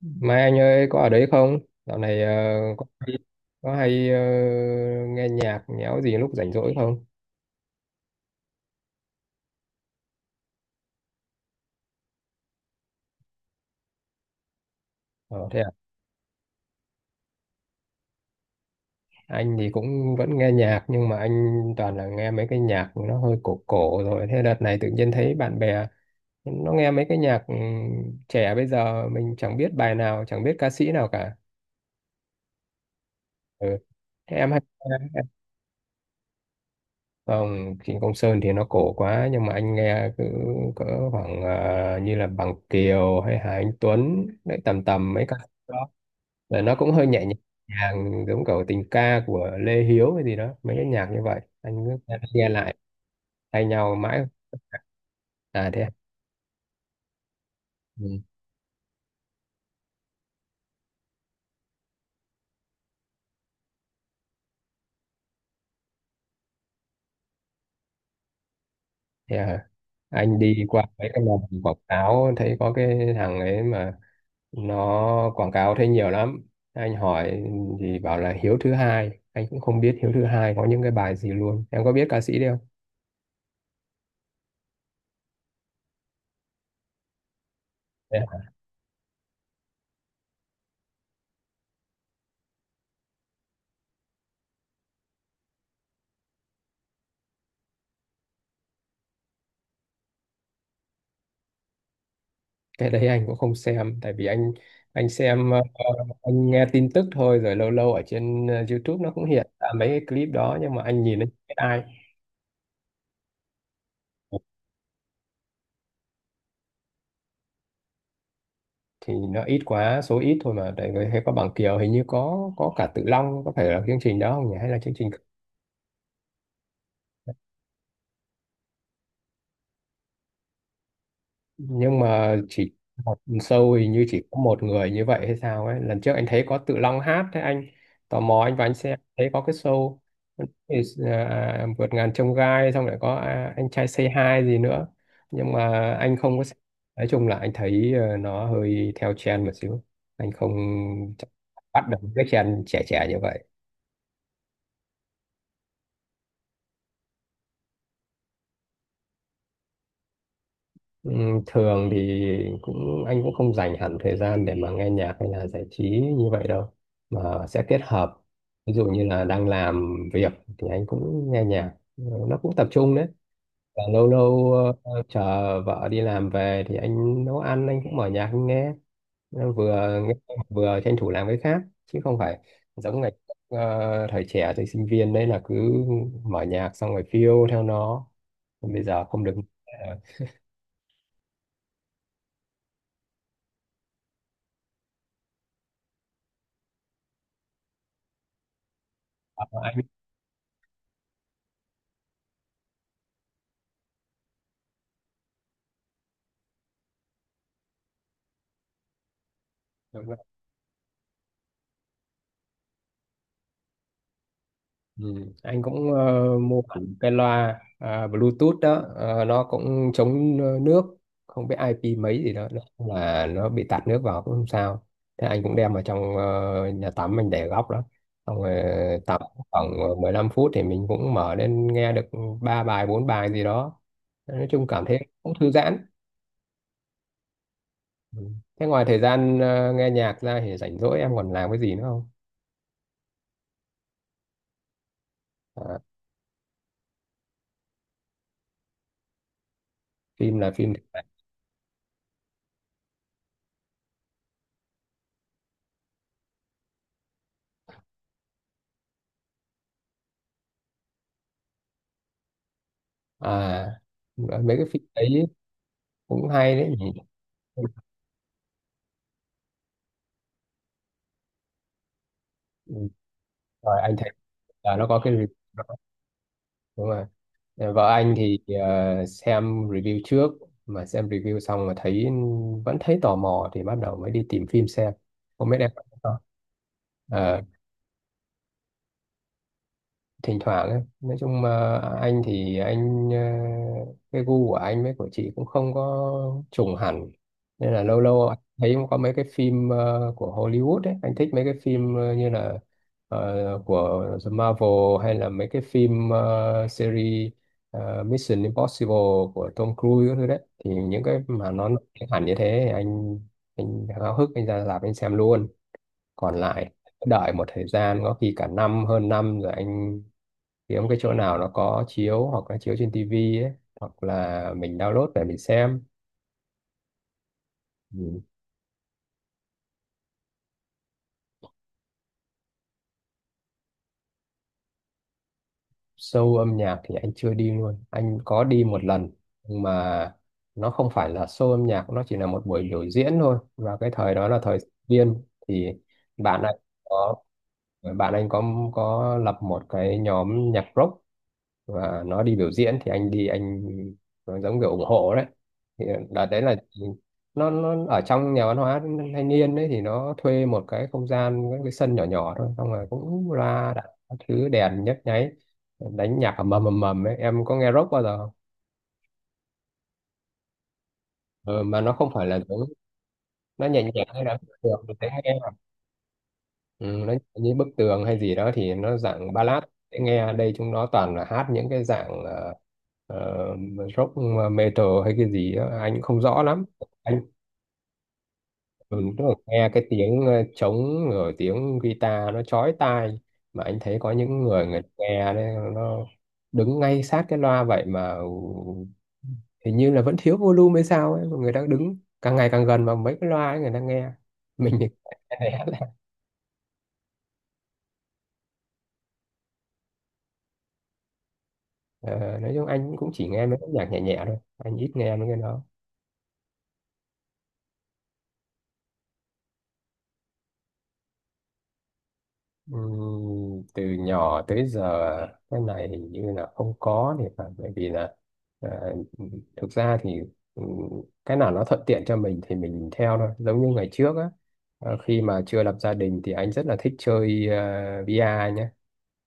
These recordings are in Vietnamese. Mai anh ơi có ở đấy không? Dạo này có hay, có hay nghe nhạc nhẽo gì lúc rảnh rỗi không? Ờ, thế à? Anh thì cũng vẫn nghe nhạc nhưng mà anh toàn là nghe mấy cái nhạc nó hơi cổ cổ rồi. Thế đợt này tự nhiên thấy bạn bè nó nghe mấy cái nhạc trẻ bây giờ mình chẳng biết bài nào, chẳng biết ca sĩ nào cả. Ừ. Thế em hay Không, Trịnh Công Sơn thì nó cổ quá nhưng mà anh nghe cứ cỡ khoảng như là Bằng Kiều hay Hà Anh Tuấn đấy tầm tầm mấy ca sĩ đó rồi nó cũng hơi nhẹ nhàng giống kiểu tình ca của Lê Hiếu hay gì đó mấy cái nhạc như vậy anh cứ nghe nghe lại thay nhau mãi. À thế à? Ừ. Thế à? Anh đi qua mấy cái lần quảng cáo thấy có cái thằng ấy mà nó quảng cáo thấy nhiều lắm. Anh hỏi thì bảo là Hiếu thứ hai. Anh cũng không biết Hiếu thứ hai có những cái bài gì luôn. Em có biết ca sĩ đấy không? Thế à? Cái đấy anh cũng không xem tại vì anh xem ờ, anh nghe tin tức thôi rồi lâu lâu ở trên YouTube nó cũng hiện ra mấy cái clip đó nhưng mà anh nhìn anh biết ai thì nó ít quá số ít thôi mà tại vì hay có Bằng Kiều hình như có cả Tự Long có phải là chương trình đó không nhỉ hay là chương trình nhưng mà chỉ một show hình như chỉ có một người như vậy hay sao ấy. Lần trước anh thấy có Tự Long hát thế anh tò mò anh vào anh xem thấy có cái show thì, à, vượt ngàn chông gai, xong lại có, à, anh trai Say Hi gì nữa nhưng mà anh không có xem. Nói chung là anh thấy nó hơi theo trend một xíu, anh không chắc bắt được cái trend trẻ trẻ như vậy. Ừ, thường thì anh cũng không dành hẳn thời gian để mà nghe nhạc hay là giải trí như vậy đâu mà sẽ kết hợp. Ví dụ như là đang làm việc thì anh cũng nghe nhạc. Ừ, nó cũng tập trung đấy và lâu lâu chờ vợ đi làm về thì anh nấu ăn anh cũng mở nhạc anh nghe. Nó vừa nghe vừa tranh thủ làm cái khác chứ không phải giống ngày thời trẻ thời sinh viên đấy là cứ mở nhạc xong rồi phiêu theo nó. Còn bây giờ không được. Ờ, anh. Ừ. Anh cũng mua hẳn cái loa, à, Bluetooth đó. Ờ, nó cũng chống nước không biết IP mấy gì đó nó bị tạt nước vào cũng không sao. Thế anh cũng đem vào trong nhà tắm mình để góc đó xong rồi tắm khoảng 15 phút thì mình cũng mở lên nghe được ba bài bốn bài gì đó, nói chung cảm thấy cũng thư giãn. Ừ. Thế ngoài thời gian nghe nhạc ra thì rảnh rỗi em còn làm cái gì nữa không? À, phim là phim thể loại. À, mấy cái phim đấy cũng hay đấy nhỉ. Ừ, rồi anh thấy là nó có cái review đó. Đúng rồi. Ờ, vợ anh thì xem review trước mà xem review xong mà thấy vẫn thấy tò mò thì bắt đầu mới đi tìm phim xem, không biết em có thấy không. Ờ. Thỉnh thoảng ấy. Nói chung mà anh thì anh ờ, cái gu của anh với của chị cũng không có trùng hẳn nên là lâu lâu anh thấy có mấy cái phim của Hollywood ấy, anh thích mấy cái phim như là của The Marvel hay là mấy cái phim series Mission Impossible của Tom Cruise các thứ đấy. Thì những cái mà nó nổi tiếng hẳn như thế thì anh háo hức anh ra rạp anh xem luôn, còn lại đợi một thời gian có khi cả năm hơn năm rồi anh kiếm cái chỗ nào nó có chiếu hoặc là chiếu trên tivi ấy hoặc là mình download về mình xem. Ừ. Show âm nhạc thì anh chưa đi luôn, anh có đi một lần nhưng mà nó không phải là show âm nhạc, nó chỉ là một buổi biểu diễn thôi. Và cái thời đó là thời sinh viên thì bạn anh có bạn anh có lập một cái nhóm nhạc rock và nó đi biểu diễn thì anh đi nó giống kiểu ủng hộ đấy. Thì đợt đấy là nó ở trong nhà văn hóa thanh niên đấy thì nó thuê một cái không gian cái sân nhỏ nhỏ thôi, xong rồi cũng ra đặt các thứ đèn nhấp nháy đánh nhạc mầm mầm mầm ấy. Em có nghe rock bao giờ không? Ừ, mà nó không phải là giống nó nhẹ nhàng hay là bức tường thì dễ nghe. Ừ, nó như bức tường hay gì đó thì nó dạng ballad dễ nghe. Đây chúng nó toàn là hát những cái dạng ờ, rock metal hay cái gì đó. Anh không rõ lắm anh. Ừ, tức là nghe cái tiếng trống rồi tiếng guitar nó chói tai mà anh thấy có những người người ta nghe đấy nó đứng ngay sát cái loa vậy mà hình như là vẫn thiếu volume hay sao ấy mà người ta đứng càng ngày càng gần vào mấy cái loa ấy người ta nghe. Mình thì né. Ờ, nói chung anh cũng chỉ nghe mấy cái nhạc nhẹ nhẹ thôi, anh ít nghe mấy cái đó. Từ nhỏ tới giờ cái này hình như là không có thì phải, bởi vì là à, thực ra thì ừm, cái nào nó thuận tiện cho mình thì mình theo thôi giống như ngày trước á. Ờ, khi mà chưa lập gia đình thì anh rất là thích chơi vi a nhé.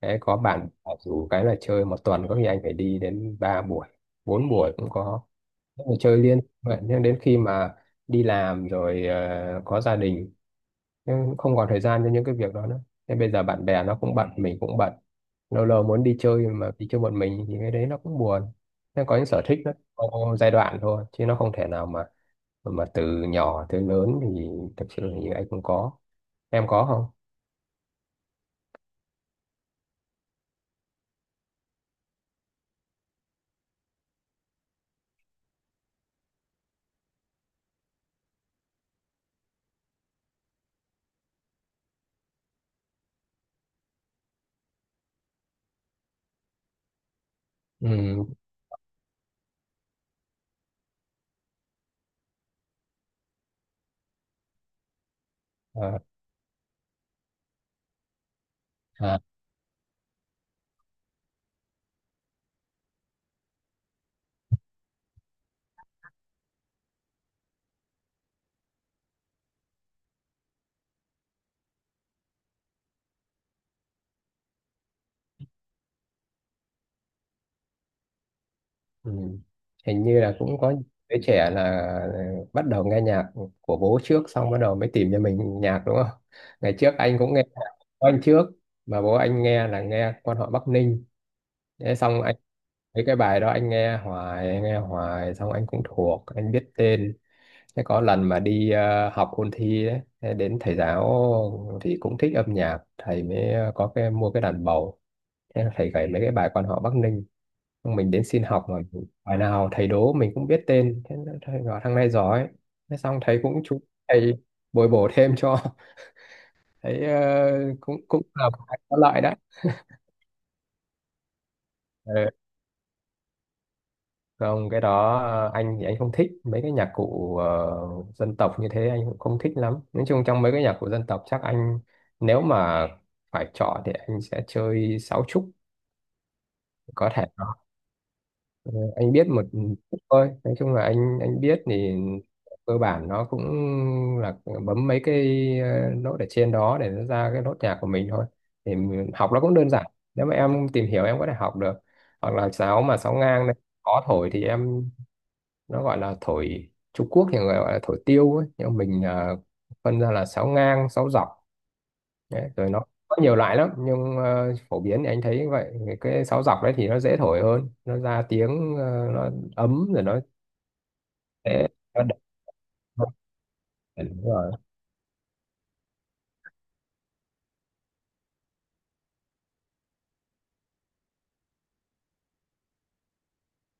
Đấy, có bạn dù cái là chơi một tuần có khi anh phải đi đến 3 buổi 4 buổi cũng có. Thế mà chơi liên vậy nhưng đến khi mà đi làm rồi có gia đình nhưng cũng không còn thời gian cho những cái việc đó nữa. Thế bây giờ bạn bè nó cũng bận mình cũng bận lâu lâu muốn đi chơi mà đi chơi một mình thì cái đấy nó cũng buồn. Nó có những sở thích nó có giai đoạn thôi chứ nó không thể nào mà từ nhỏ tới lớn thì thực sự thì anh cũng có. Em có không? Ừ, ờ, à, ừ. Hình như là cũng có đứa trẻ là ờ, bắt đầu nghe nhạc của bố trước xong bắt đầu mới tìm cho mình nhạc đúng không. Ngày trước anh cũng nghe nhạc của anh trước mà bố anh nghe là nghe quan họ Bắc Ninh. Thế xong mấy cái bài đó anh nghe hoài, xong anh cũng thuộc, anh biết tên. Thế có lần mà đi học ôn thi đấy, thế đến thầy giáo thì cũng thích âm nhạc, thầy mới có cái mua cái đàn bầu. Thế là thầy gảy mấy cái bài quan họ Bắc Ninh. Xong mình đến xin học mà bài nào thầy đố mình cũng biết tên. Thế là thầy bảo thằng này giỏi. Thế xong thầy cũng chú thầy bồi bổ thêm cho. Thấy cũng cũng là có lợi đấy. Ờ, không, cái đó anh thì anh không thích mấy cái nhạc cụ dân tộc như thế, anh cũng không thích lắm. Nói chung trong mấy cái nhạc cụ dân tộc chắc anh nếu mà phải chọn thì anh sẽ chơi sáo trúc có thể. Ờ, anh biết một chút thôi. Nói chung là anh biết thì cơ bản nó cũng là bấm mấy cái nốt ở trên đó để nó ra cái nốt nhạc của mình thôi. Thì học nó cũng đơn giản. Nếu mà em tìm hiểu em có thể học được. Hoặc là sáo mà sáo ngang đấy, có thổi thì em nó gọi là thổi Trung Quốc thì người gọi là thổi tiêu ấy. Nhưng mình là phân ra là sáo ngang sáo dọc đấy. Rồi nó có nhiều loại lắm nhưng phổ biến thì anh thấy như vậy. Thì cái sáo dọc đấy thì nó dễ thổi hơn nó ra tiếng nó ấm rồi nó dễ nó đậm hơn. Đúng rồi.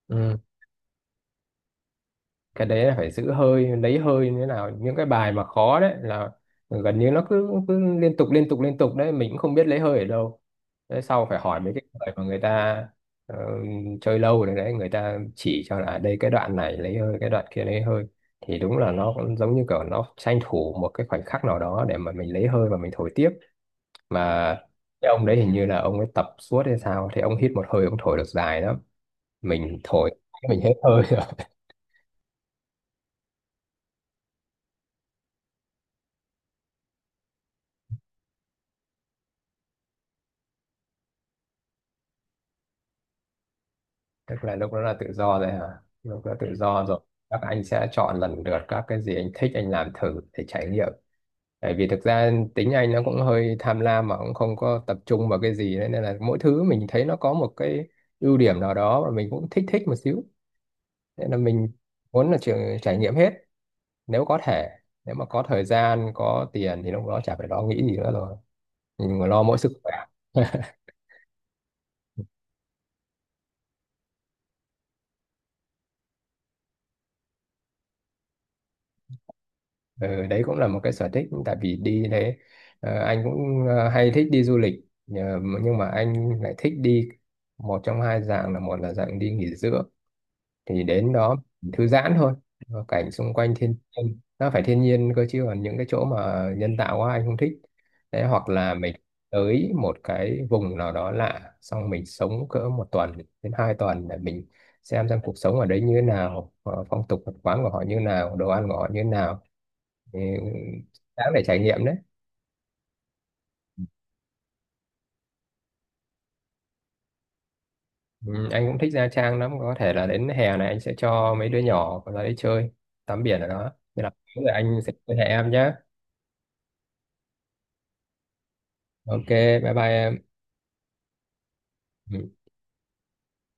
Ừ. Cái đấy là phải giữ hơi lấy hơi như thế nào. Những cái bài mà khó đấy là gần như nó cứ cứ liên tục liên tục liên tục đấy mình cũng không biết lấy hơi ở đâu. Đấy sau phải hỏi mấy cái người mà người ta ờ, chơi lâu rồi đấy người ta chỉ cho là, à, đây cái đoạn này lấy hơi cái đoạn kia lấy hơi thì đúng là nó cũng giống như kiểu nó tranh thủ một cái khoảnh khắc nào đó để mà mình lấy hơi và mình thổi tiếp. Mà cái ông đấy hình như là ông ấy tập suốt hay sao thì ông hít một hơi ông thổi được dài lắm. Mình thổi mình hết hơi. Tức là lúc đó là tự do rồi hả? Lúc đó tự do rồi các anh sẽ chọn lần lượt các cái gì anh thích anh làm thử để trải nghiệm, bởi vì thực ra tính anh nó cũng hơi tham lam mà cũng không có tập trung vào cái gì đấy. Nên là mỗi thứ mình thấy nó có một cái ưu điểm nào đó mà mình cũng thích thích một xíu nên là mình muốn là trường trải nghiệm hết nếu có thể. Nếu mà có thời gian có tiền thì lúc đó chả phải lo nghĩ gì nữa rồi mình lo mỗi sức khỏe. Ừ, đấy cũng là một cái sở thích tại vì đi đấy anh cũng hay thích đi du lịch nhưng mà anh lại thích đi một trong hai dạng là một là dạng đi nghỉ dưỡng thì đến đó thư giãn thôi. Ờ, cảnh xung quanh thiên nhiên nó phải thiên nhiên cơ chứ còn những cái chỗ mà nhân tạo quá anh không thích. Đấy hoặc là mình tới một cái vùng nào đó lạ xong mình sống cỡ một tuần đến 2 tuần để mình xem cuộc sống ở đấy như thế nào phong tục tập quán của họ như thế nào đồ ăn của họ như thế nào thì đáng để trải nghiệm đấy. Ừ, anh cũng thích Nha Trang lắm có thể là đến hè này anh sẽ cho mấy đứa nhỏ ra đấy chơi tắm biển ở đó nên là rồi anh sẽ liên hệ em nhé. OK, bye bye em. Ừ.